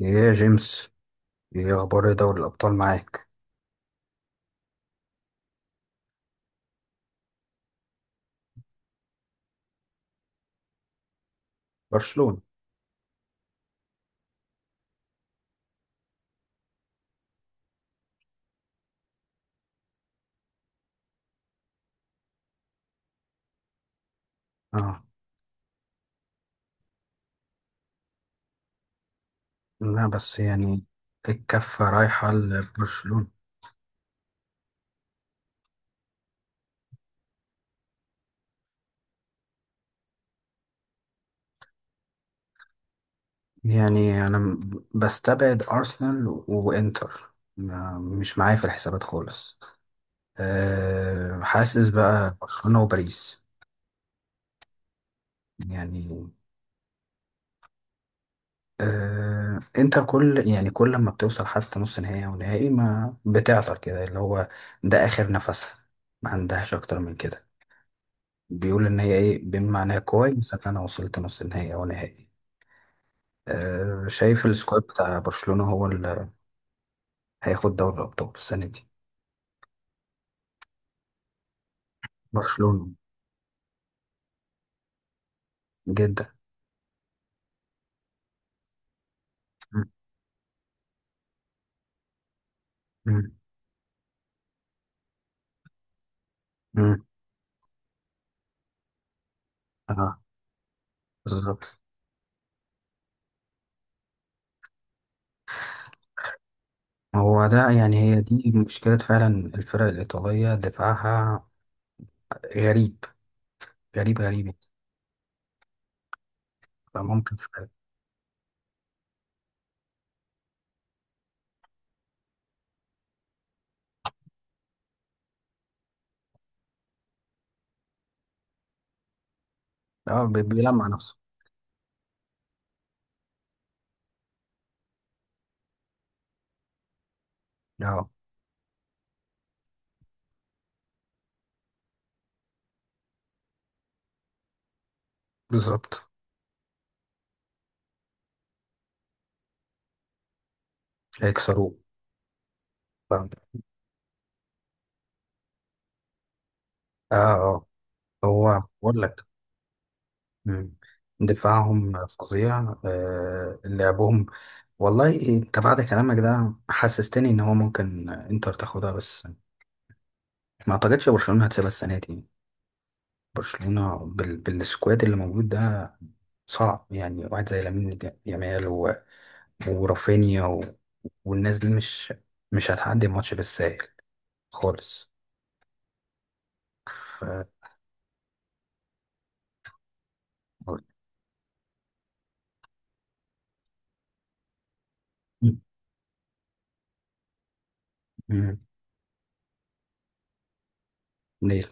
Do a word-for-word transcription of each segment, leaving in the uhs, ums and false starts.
يا جيمس، ايه اخبار دوري الابطال معاك؟ برشلونة. اه، لا بس يعني الكفة رايحة لبرشلونة. يعني انا م- بستبعد ارسنال و- وانتر ما- مش معايا في الحسابات خالص. أه حاسس بقى برشلونة وباريس، يعني. أه انتر كل، يعني، كل ما بتوصل حتى نص نهائي او نهائي ما بتعطل كده اللي هو ده اخر نفسها. ما عندهاش اكتر من كده. بيقول ان هي، ايه، بما معناها كويس ان انا وصلت نص النهائي او نهائي. أه شايف السكواد بتاع برشلونة هو اللي هياخد دوري الابطال السنة دي. برشلونة. جدا. مم. مم. مم. اه. بالظبط. هو ده، يعني هي دي مشكلة فعلا، الفرق الإيطالية دفاعها غريب. غريب غريب، يعني. فممكن فعلا. اه، بي- بيلمع نفسه. اه. بالظبط. هيكسروه. اه. اه. آه. هو بقول لك. مم. دفاعهم فظيع، آه، لعبهم. والله انت بعد كلامك ده حسستني ان هو ممكن انتر تاخدها، بس ما اعتقدش برشلونة هتسيبها السنة دي. برشلونة بال... بالسكواد اللي موجود ده. صعب، يعني واحد زي لامين ج- يامال و... ورافينيا و... والناس دي مش مش هتعدي الماتش بالساهل خالص. ف... مم. مم. ليه.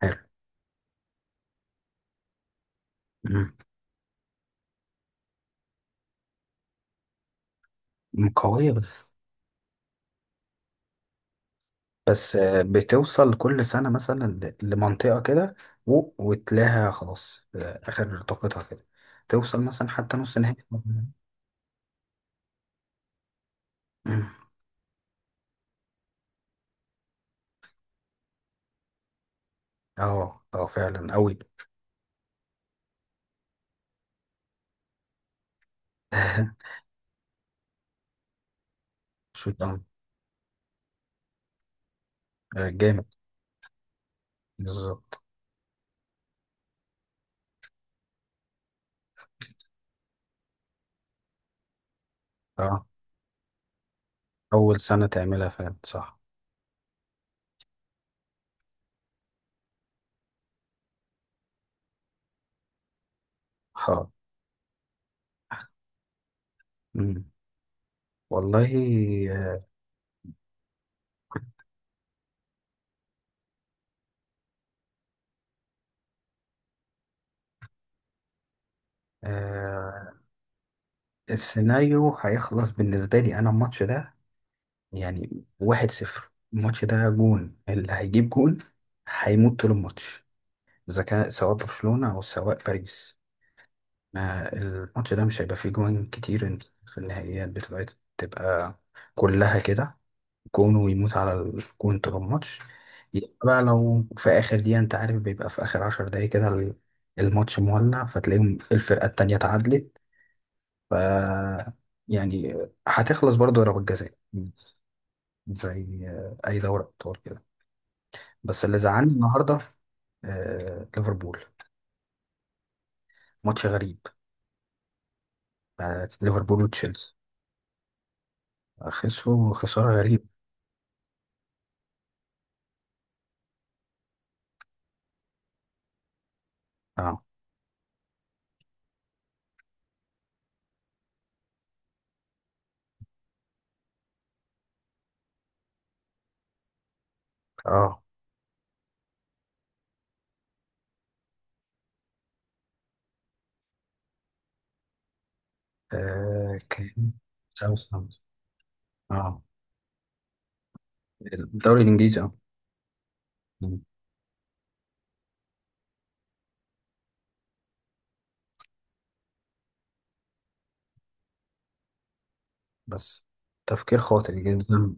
حلو. مم. قوية، بس. بس، آه، بتوصل كل سنة مثلا ل- لمنطقة كده. و- وتلاقيها خلاص، آه، آخر طاقتها كده. توصل مثلا حتى نص نهائي. مم. اه، اه، فعلا أوي. شو ده؟ آه، جامد. بالظبط. اه. أول سنة تعملها فعلا، صح. اه. مم. والله. آه. آه. السيناريو هيخلص بالنسبة لي أنا، الماتش ده يعني واحد صفر. الماتش ده جون اللي هيجيب جون هيموت طول الماتش، اذا كان سواء برشلونة او سواء باريس. ما الماتش ده مش هيبقى فيه جوان كتير، إن- في النهائيات بتبقى، تبقى كلها كده، جون، ويموت على الجون طول الماتش. يبقى بقى لو في اخر دقيقة انت عارف بيبقى في اخر عشر دقايق كده ال- الماتش مولع، فتلاقيهم الفرقة التانية اتعادلت. ف يعني هتخلص برضه ضربات جزاء زي اي دورة ابطال كده. بس اللي زعلني النهارده آه، ليفربول. ماتش غريب، آه، ليفربول وتشيلسي. خسروا خسارة غريبة. اه. اه. آه، كان ساوثهامبتون. اه. الدوري الإنجليزي، اه. مم. بس تفكير خاطئ جدا.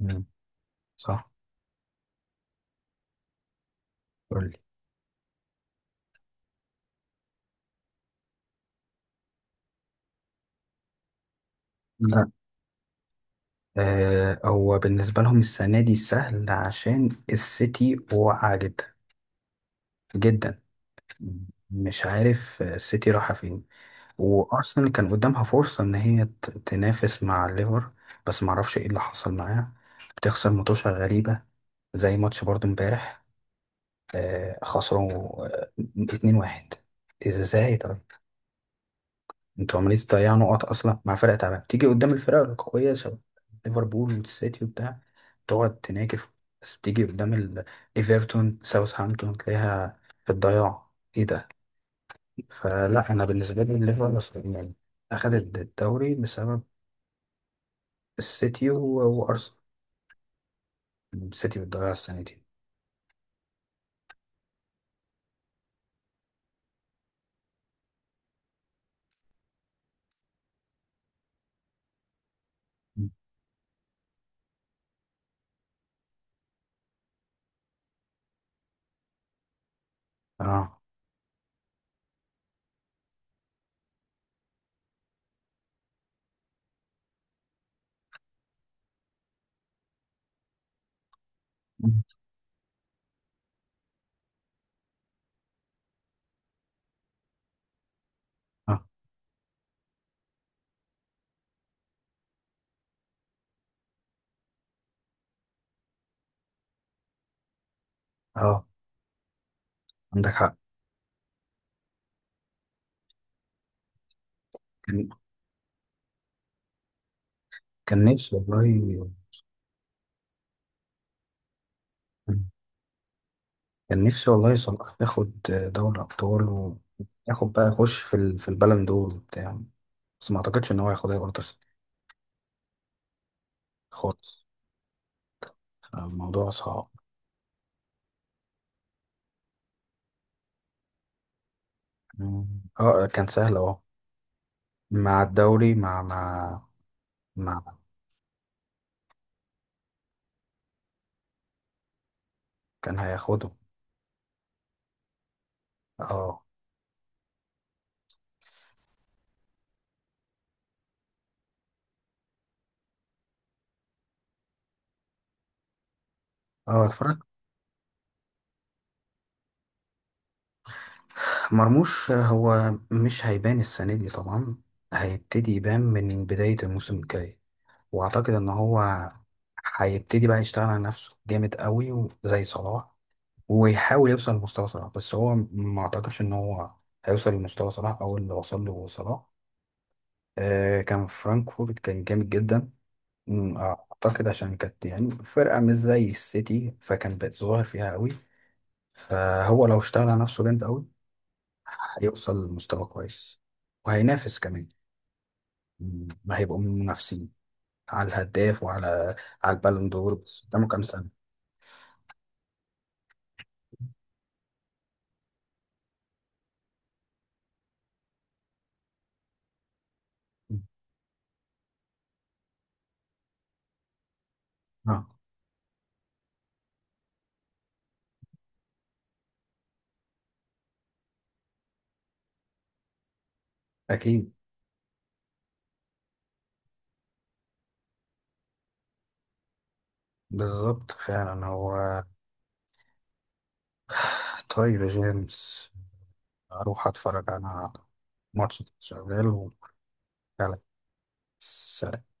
مم. صح. قول لي. لا. آه، هو بالنسبة لهم السنة دي سهل عشان السيتي واقعة جدا جدا. مش عارف السيتي رايحة فين. وارسنال كان قدامها فرصه ان هي ت- تنافس مع الليفر، بس ما اعرفش ايه اللي حصل معاها. بتخسر ماتشات غريبه زي ماتش برضو امبارح. آه خسروا آه اثنين واحد. ازاي طيب؟ انتوا عمالين تضيعوا نقط اصلا مع فرق تعبانه، تيجي قدام الفرق القويه شباب ليفربول والسيتي وبتاع تقعد تناكف، بس بتيجي قدام ال- ايفرتون ساوثهامبتون تلاقيها في الضياع. ايه ده؟ فلا، انا بالنسبه لي الليفر يعني اخذت الدوري بسبب السيتي و- وارسنال. السيتي بتضيع السنتين. مم. اه. مم. اه. اه، عندك حق. كان كان نفسي والله. كان نفسي والله صلاح ياخد دوري ابطال، وياخد بقى يخش في ال- في البالون دور وبتاع، بس ما اعتقدش ان هو ياخدها برضه خالص. الموضوع صعب. مم. اه، كان سهل، اه. مع الدوري، مع مع مع كان هياخده. اه. اه، اتفرجت. مرموش هو مش هيبان السنة دي طبعا. هيبتدي يبان من بداية الموسم الجاي، وأعتقد إن هو هيبتدي بقى يشتغل على نفسه جامد قوي زي صلاح. ويحاول يوصل لمستوى صلاح، بس هو ما أعتقدش إن هو هيوصل لمستوى صلاح أو اللي وصل له صلاح. آه كان فرانكفورت كان جامد جدا. أمم، أعتقد عشان كانت، يعني، فرقة مش زي السيتي فكان بيتظاهر فيها قوي. فهو لو اشتغل على نفسه جامد قوي هيوصل لمستوى كويس، وهينافس كمان. مم. هيبقوا من المنافسين على الهداف، وعلى على البالون دور، بس قدامه كام سنة. مم. اه. أكيد. بالظبط فعلا هو. طيب يا جيمس، أروح أتفرج أنا على ماتش شغال. وفعلا. سلام.